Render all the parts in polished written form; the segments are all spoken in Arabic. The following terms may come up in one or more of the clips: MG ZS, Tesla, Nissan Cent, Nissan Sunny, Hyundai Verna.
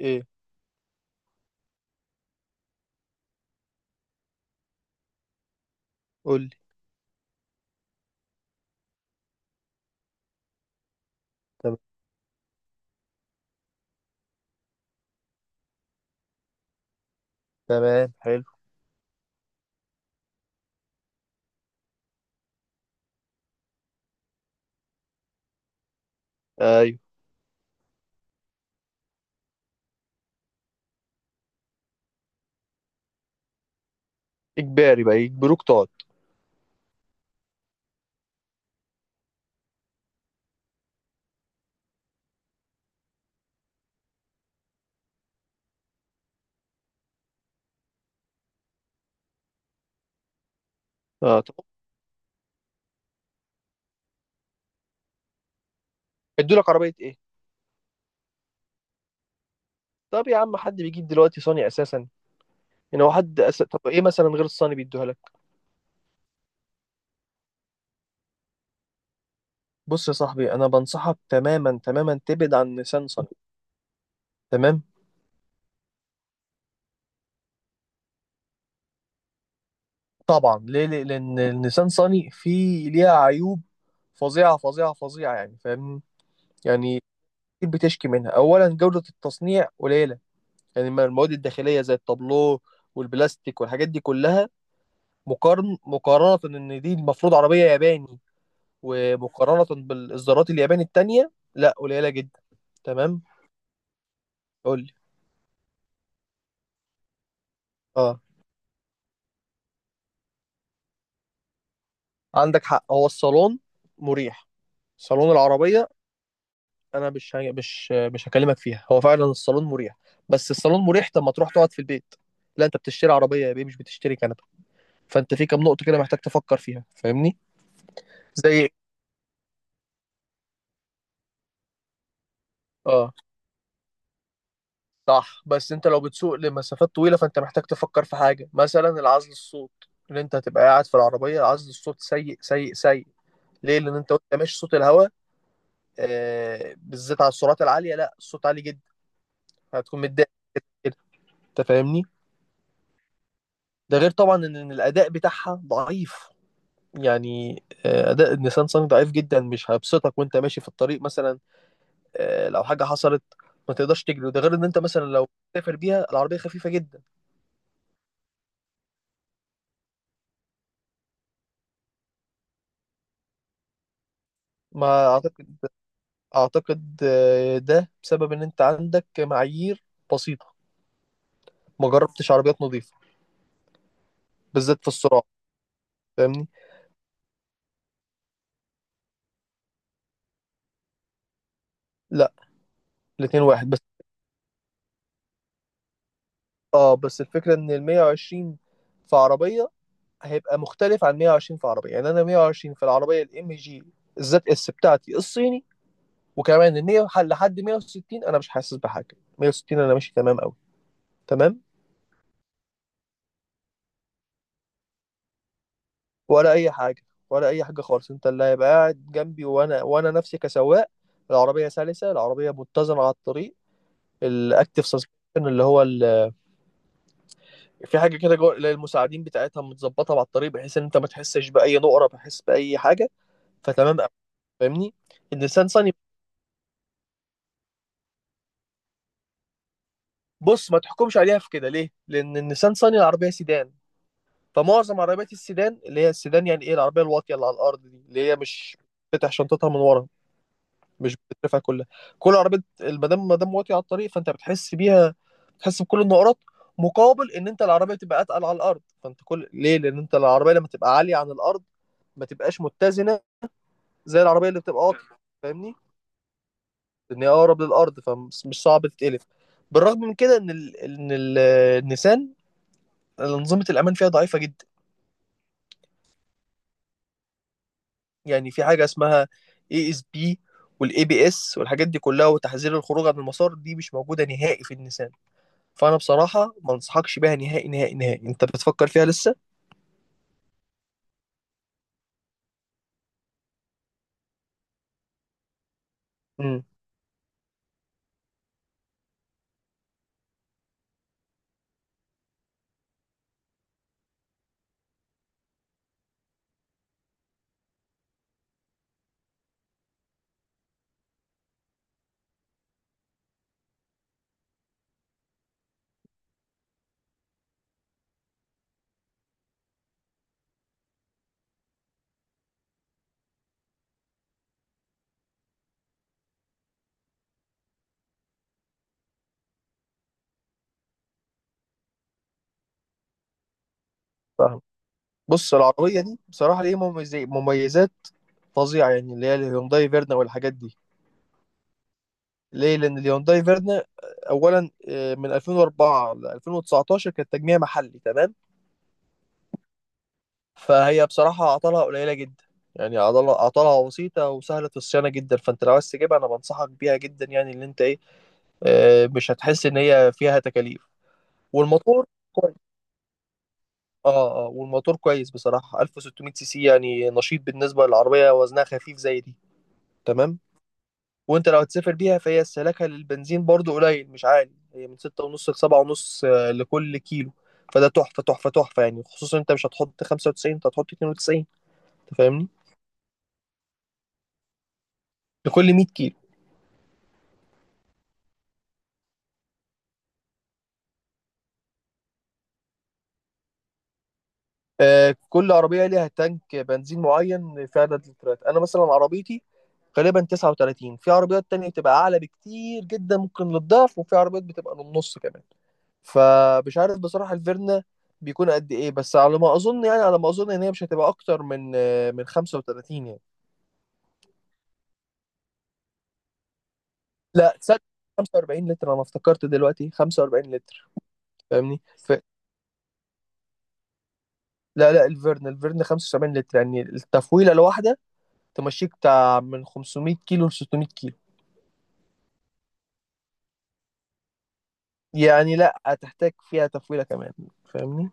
ايه، قول لي. تم- تمام، حلو. ايوه. اجباري بقى يجبروك تقعد؟ اه، طب، ادوا لك عربيه ايه؟ طب يا عم، حد بيجيب دلوقتي صاني اساسا؟ يعني هو حد طب ايه مثلا غير الصاني بيدوها لك؟ بص يا صاحبي، انا بنصحك تماما تماما تبعد عن نيسان صني. تمام. طبعا، ليه؟ لان النيسان صني فيه ليها عيوب فظيعه فظيعه فظيعه، يعني فاهم؟ يعني كتير بتشكي منها. اولا، جوده التصنيع قليله، يعني المواد الداخليه زي التابلو والبلاستيك والحاجات دي كلها، مقارنة ان دي المفروض عربية ياباني. ومقارنة بالاصدارات الياباني التانية، لا، قليلة جدا. تمام، قول لي. اه، عندك حق، هو الصالون مريح، صالون العربية. انا مش ه- مش مش هكلمك فيها، هو فعلا الصالون مريح. بس الصالون مريح، طب ما تروح تقعد في البيت؟ لا، انت بتشتري عربية يا بيه، مش بتشتري كنبة. فانت في كام نقطة كده محتاج تفكر فيها، فاهمني؟ زي. اه، صح، بس انت لو بتسوق لمسافات طويلة، فانت محتاج تفكر في حاجة مثلا العزل الصوت. ان انت هتبقى قاعد في العربية، عزل الصوت سيء سيء سيء. ليه؟ لان انت وانت ماشي، صوت الهواء، بالذات على السرعات العالية، لا، الصوت عالي جدا. هتكون متضايق كده كده. انت فاهمني. ده غير طبعا إن الاداء بتاعها ضعيف. يعني اداء النيسان صني ضعيف جدا، مش هيبسطك وانت ماشي في الطريق مثلا. لو حاجة حصلت ما تقدرش تجري. وده غير ان انت مثلا لو تسافر بيها، العربية خفيفة جدا. ما اعتقد. اعتقد ده بسبب ان انت عندك معايير بسيطه، ما جربتش عربيات نظيفه، بالذات في السرعه، فاهمني. لا، الاتنين واحد بس. اه، بس الفكره ان ال 120 في عربيه هيبقى مختلف عن 120 في عربيه، يعني انا 120 في العربيه الام جي الزد اس بتاعتي الصيني، وكمان ال 100 لحد 160، انا مش حاسس بحاجه، 160 انا ماشي تمام قوي. تمام. ولا اي حاجه، ولا اي حاجه خالص. انت اللي هيبقى قاعد جنبي وانا نفسي كسواق. العربية سلسة، العربية متزنة على الطريق. الاكتف سسبنشن، اللي هو في حاجه كده جوه اللي هي المساعدين بتاعتها، متظبطه مع الطريق بحيث ان انت ما تحسش باي نقره، بحيث باي حاجه. فتمام أوي، فاهمني. النيسان صني، بص، ما تحكمش عليها في كده. ليه؟ لان النيسان صني العربيه سيدان، فمعظم عربيات السيدان، اللي هي السيدان يعني ايه، العربيه الواطيه اللي على الارض دي، اللي هي مش تفتح شنطتها من ورا، مش بتترفع كلها. كل عربيه ما دام واطيه على الطريق، فانت بتحس بيها، بتحس بكل النقرات. مقابل ان انت العربيه تبقى اتقل على الارض، فانت كل، ليه؟ لان انت العربيه لما تبقى عاليه عن الارض ما تبقاش متزنه زي العربيه اللي بتبقى واطيه، فاهمني؟ لان هي اقرب للارض، فمش صعب تتقلب. بالرغم من كده، النيسان انظمه الامان فيها ضعيفه جدا. يعني في حاجه اسمها اي اس بي، والاي بي اس، والحاجات دي كلها، وتحذير الخروج عن المسار، دي مش موجوده نهائي في النيسان. فانا بصراحه ما انصحكش بيها نهائي نهائي نهائي. انت بتفكر فيها لسه؟ امم فاهم. بص، العربيه دي بصراحه ليه مميزات مميزات فظيعه يعني، اللي هي الهيونداي فيرنا والحاجات دي. ليه؟ لان الهيونداي فيرنا، اولا من 2004 ل 2019 كانت تجميع محلي، تمام. فهي بصراحه عطلها قليله جدا، يعني عضلة. عطلها بسيطة وسهلة الصيانة جدا، فانت لو عايز تجيبها انا بنصحك بيها جدا، يعني اللي انت ايه، مش هتحس ان هي فيها تكاليف. والموتور، اه والموتور كويس بصراحة، 1600 سي سي، يعني نشيط بالنسبة للعربية، وزنها خفيف زي دي، تمام. وانت لو هتسافر بيها، فهي استهلاكها للبنزين برضو قليل مش عالي، هي من 6.5 لسبعة ونص لكل كيلو. فده تحفة تحفة تحفة يعني، خصوصا انت مش هتحط 95، انت هتحط 92، انت فاهمني. لكل 100 كيلو. آه، كل عربية ليها تانك بنزين معين في عدد اللترات. انا مثلا عربيتي غالبا 39، في عربيات تانية بتبقى اعلى بكتير جدا ممكن للضعف، وفي عربيات بتبقى للنص كمان. فمش عارف بصراحة الفيرنا بيكون قد ايه، بس على ما اظن، يعني على ما اظن ان هي مش هتبقى اكتر من من 35 يعني. لا، تصدق، 45 لتر، انا افتكرت دلوقتي 45 لتر. فاهمني لا لا، الفيرن 75 لتر، يعني التفويله الواحده تمشيك بتاع من 500 كيلو ل 600 كيلو يعني. لا، هتحتاج فيها تفويله كمان، فاهمني.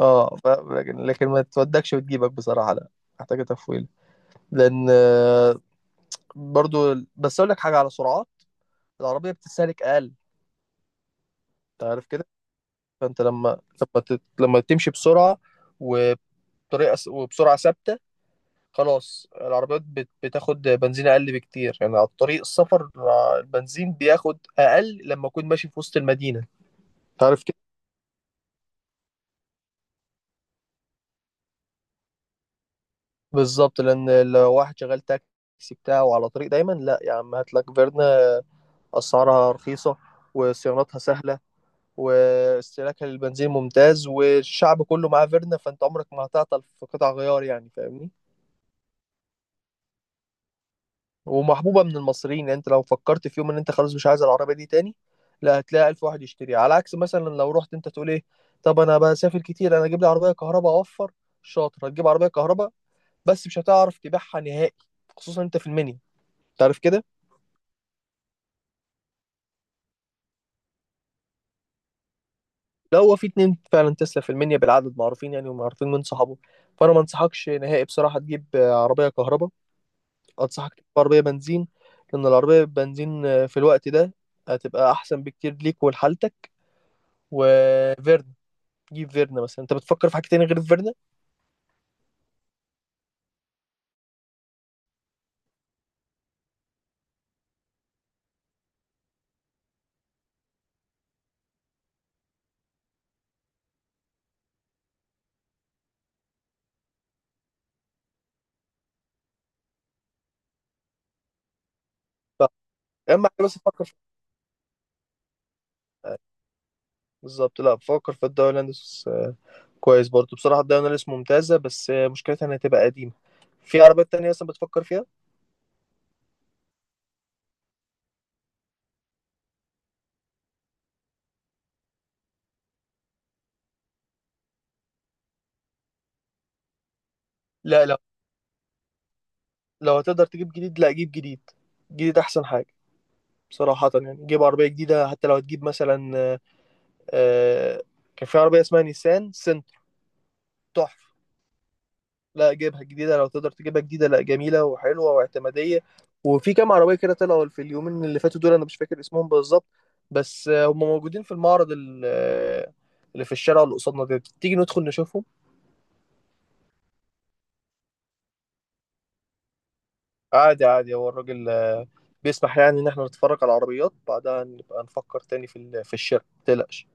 اه، لكن ما تودكش وتجيبك بصراحه، لا، محتاجه تفويله. لان برضو بس اقول لك حاجه، على سرعات العربية بتستهلك أقل. أنت عارف كده. فأنت لما، لما تمشي بسرعة، وبطريقة وبسرعة ثابتة، خلاص العربيات بتاخد بنزين أقل بكتير، يعني على طريق السفر البنزين بياخد أقل لما أكون ماشي في وسط المدينة. أنت عارف كده. بالظبط، لأن لو واحد شغال تاكسي بتاعه على طريق دايما، لا يا عم هات لك فيرنا. أسعارها رخيصة، وصيانتها سهلة، واستهلاكها للبنزين ممتاز، والشعب كله معاه فيرنا، فانت عمرك ما هتعطل في قطع غيار يعني، فاهمني. ومحبوبة من المصريين، يعني انت لو فكرت في يوم ان انت خلاص مش عايز العربية دي تاني، لا، هتلاقي ألف واحد يشتريها. على عكس مثلا لو رحت انت تقول ايه، طب انا بسافر كتير، انا اجيب لي عربية كهرباء اوفر. شاطر، هتجيب عربية كهرباء بس مش هتعرف تبيعها نهائي، خصوصا انت في المنيا، تعرف كده. لو هو في اتنين فعلا تسلا في المنيا، بالعدد معروفين يعني، ومعروفين من صحابه. فانا ما انصحكش نهائي بصراحة تجيب عربية كهرباء. انصحك تجيب عربية بنزين، لان العربية بنزين في الوقت ده هتبقى احسن بكتير ليك ولحالتك. وفيرنا، جيب فيرنا مثلا. انت بتفكر في حاجه تاني غير فيرنا؟ لا، يا اما حاجه بس تفكر في آه، بالظبط. لا، بفكر في الدوري الهولندي آه، كويس برضه بصراحه، الدوري الهولندي ممتازه، بس مشكلتها انها تبقى قديمه. في عربيات تانية اصلا بتفكر فيها؟ لا لا، لو هتقدر تجيب جديد، لا جيب جديد، جديد احسن حاجه بصراحه. يعني جيب عربيه جديده، حتى لو هتجيب مثلا، آه، كان في عربيه اسمها نيسان سنت، تحفه. لا، جيبها جديدة، لو تقدر تجيبها جديدة، لا، جميلة وحلوة واعتمادية. وفي كام عربية كده طلعوا في اليومين اللي فاتوا دول، أنا مش فاكر اسمهم بالظبط، بس هم موجودين في المعرض اللي في الشارع اللي قصادنا ده، تيجي ندخل نشوفهم. عادي عادي، هو الراجل بيسمح، يعني إن احنا نتفرج على العربيات، بعدها نبقى نفكر تاني في في الشراء، متقلقش.